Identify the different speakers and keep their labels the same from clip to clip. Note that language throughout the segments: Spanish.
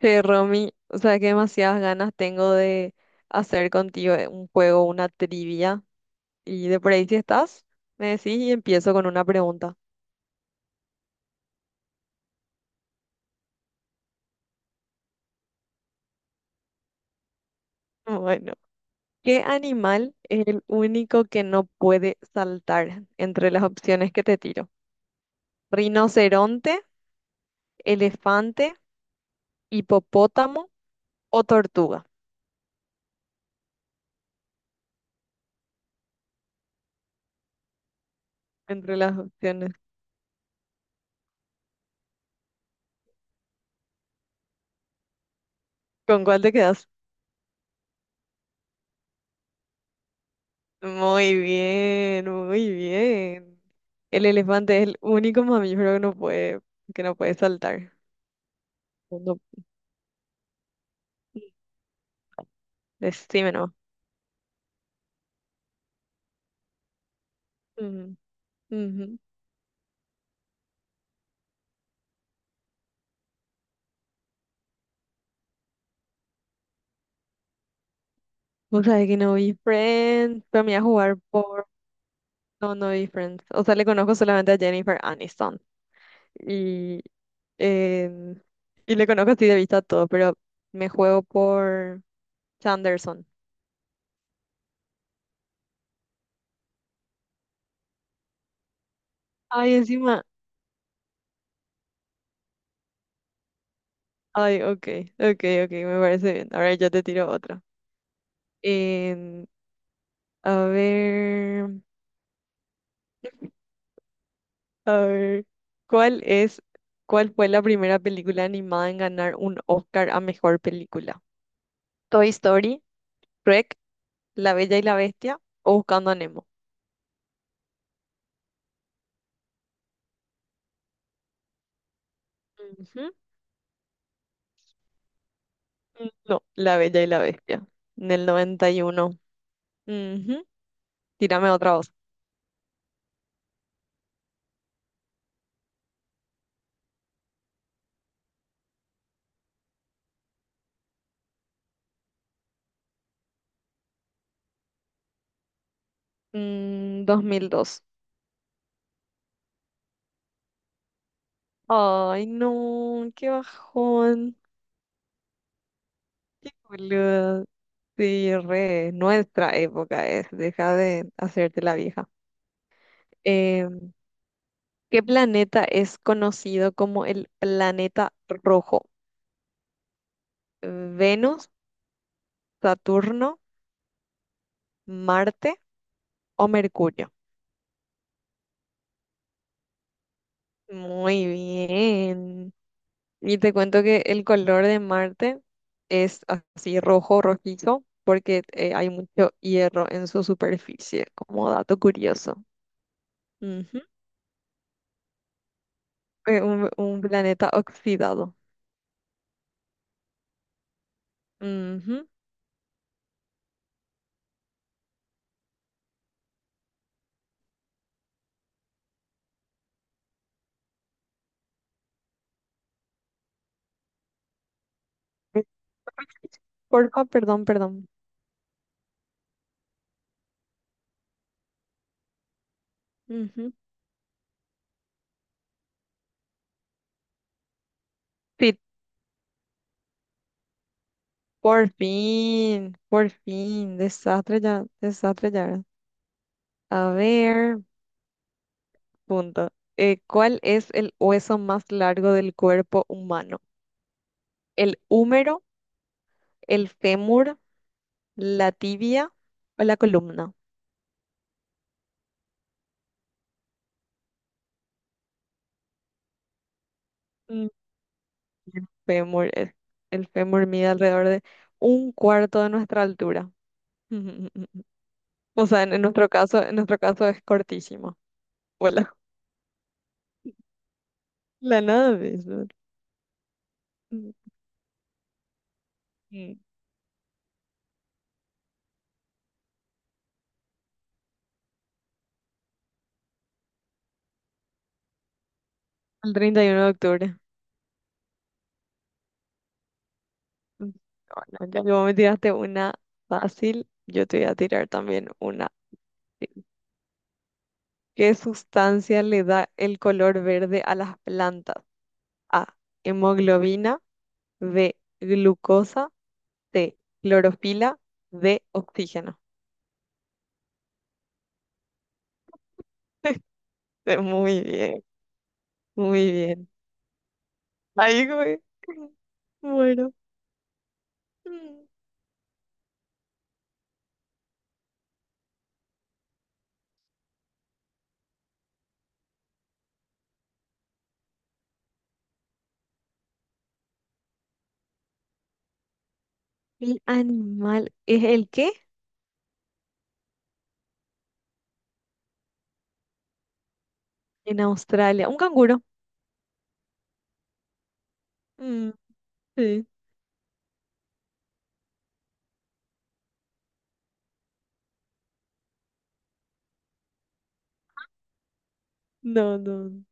Speaker 1: Che, Romy, o sea que demasiadas ganas tengo de hacer contigo un juego, una trivia. Y de por ahí si estás, me decís y empiezo con una pregunta. Bueno, ¿qué animal es el único que no puede saltar entre las opciones que te tiro? ¿Rinoceronte, elefante, hipopótamo o tortuga? Entre las opciones, ¿con cuál te quedas? Muy bien, muy bien. El elefante es el único mamífero que no puede saltar. No, decime no. Ujú, ujú. Vos sabés que no vi Friends, pero me iba a jugar por... No, no vi Friends. O sea, le conozco solamente a Jennifer Aniston. Y, em, y le conozco así de vista a todo, pero me juego por Sanderson. Ay, encima. Ay, ok, ok, ok, me parece bien. Ahora yo te tiro otra. Em, A ver, a ver, ¿cuál es, cuál fue la primera película animada en ganar un Oscar a mejor película? Toy Story, Shrek, La Bella y la Bestia o Buscando a Nemo. Ujú. No, La Bella y la Bestia, en el 91. Ujú. Tírame otra voz. Dos mil dos. Ay, no, qué bajón. Qué boluda. Sí, re, nuestra época es, deja de hacerte la vieja. Eh, ¿Qué planeta es conocido como el planeta rojo? ¿Venus, Saturno, Marte o Mercurio? Muy bien. Y te cuento que el color de Marte es así rojo, rojizo, porque hay mucho hierro en su superficie, como dato curioso. Ujú. Un planeta oxidado. Ujú. Porfa, perdón, perdón. Ujú. Sí, por fin, por fin, desastre ya, desastre ya. A ver, punto. ¿Cuál es el hueso más largo del cuerpo humano? ¿El húmero, el fémur, la tibia o la columna? Mm, El fémur, el fémur mide alrededor de un cuarto de nuestra altura. O sea, en nuestro caso, en nuestro caso es cortísimo. Hola. La nave. Eso. Mm, El 31 de octubre. Mm, Bueno, ya que vos me tiraste una fácil, yo te voy a tirar también una fácil. ¿Qué sustancia le da el color verde a las plantas? A. Hemoglobina. B. Glucosa. C. Clorofila. D. Oxígeno. Muy bien, muy bien. Ahí, güey. Bueno. Mm, ¿El animal es el qué? En Australia. Un canguro. Mm, sí. No, no.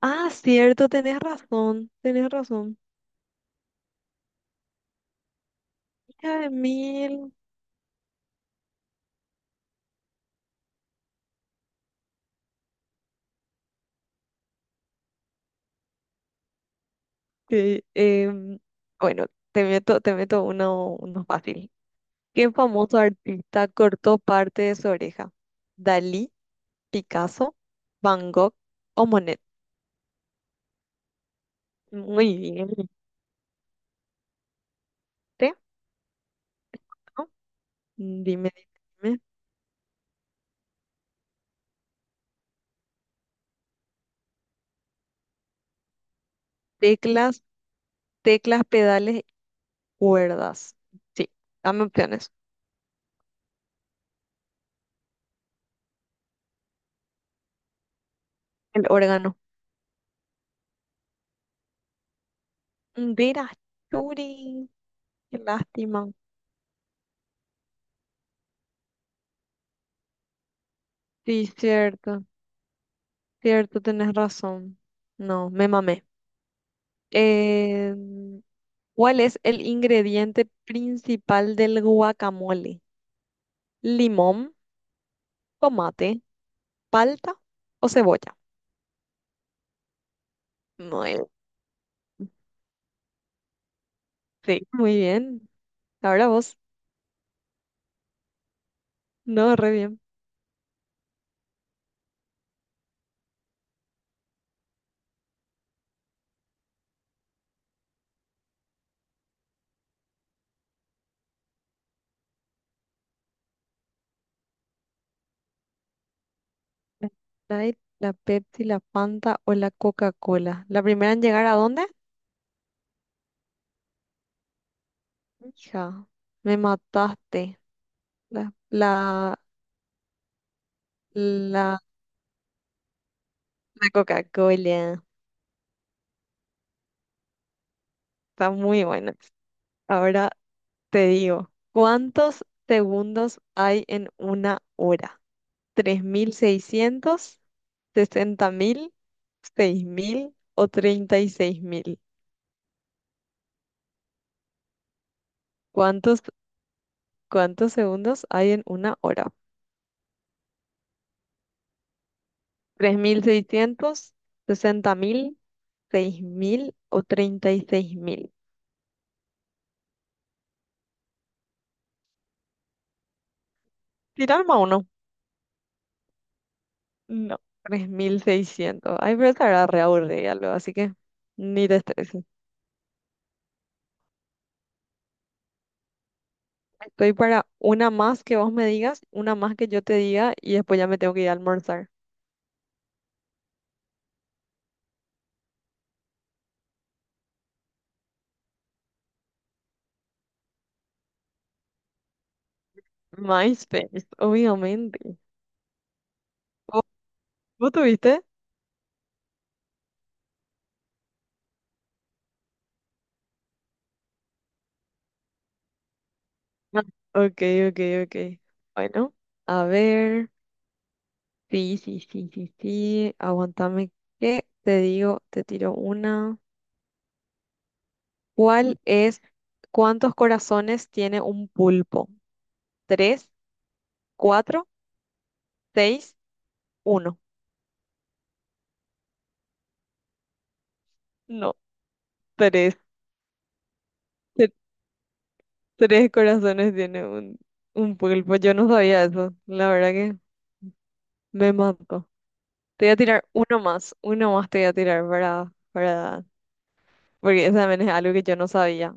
Speaker 1: Ah, cierto, tenés razón. Tenés razón. Ya de mil. Que, bueno, te meto uno fácil. ¿Qué famoso artista cortó parte de su oreja? ¿Dalí, Picasso, Van Gogh o Monet? Muy bien, ¿viste? ¿No? Dime, dime, dime. Teclas, teclas, pedales, cuerdas. Sí, dame opciones. El órgano. Mira, Churi, qué lástima. Sí, cierto, cierto, tenés razón. No, me mamé. Em, ¿cuál es el ingrediente principal del guacamole? ¿Limón, tomate, palta o cebolla? Muy, sí, muy bien. Ahora vos. No, re bien. La Sprite, la Pepsi, la Fanta o la Coca-Cola. ¿La primera en llegar a dónde? Hija, me mataste. La, la, la, la Coca-Cola. Está muy buena. Ahora. Te digo, ¿cuántos segundos hay en una hora? ¿3.600, 60.000, 6.000 o 36.000? ¿Cuántos, cuántos segundos hay en una hora? 3.600, 60.000, 6.000 o 36.000. Cuántos segundos hay en una hora? Tres mil seiscientos, sesenta mil, seis mil o treinta y seis mil. Tirarme a uno. No. 3.600. Ay, pero estará re aburrida luego, así que ni te estreses. Estoy para una más que vos me digas, una más que yo te diga y después ya me tengo que ir a almorzar. MySpace, obviamente. ¿Vos, vos tuviste? Ah, ok, ok, ok. Bueno, a ver. Sí, sí, sí, sí, sí. Aguantame que te digo, te tiro una. ¿Cuál es, cuántos corazones tiene un pulpo? ¿Tres, cuatro, seis, uno? No, tres. Tres corazones tiene un pulpo. Yo no sabía eso. La verdad que me mató. Te voy a tirar uno más. Uno más te voy a tirar para. Porque eso también es algo que yo no sabía.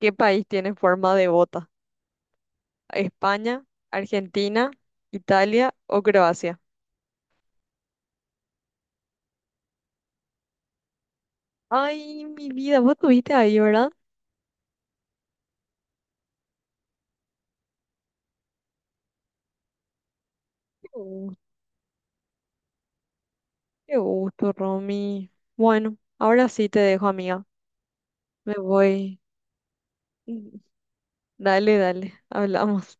Speaker 1: ¿Qué país tiene forma de bota? ¿España, Argentina, Italia o Croacia? Ay, mi vida, vos estuviste ahí, ¿verdad? Qué gusto, qué gusto, Romy. Bueno, ahora sí te dejo, amiga. Me voy. Dale, dale. Hablamos.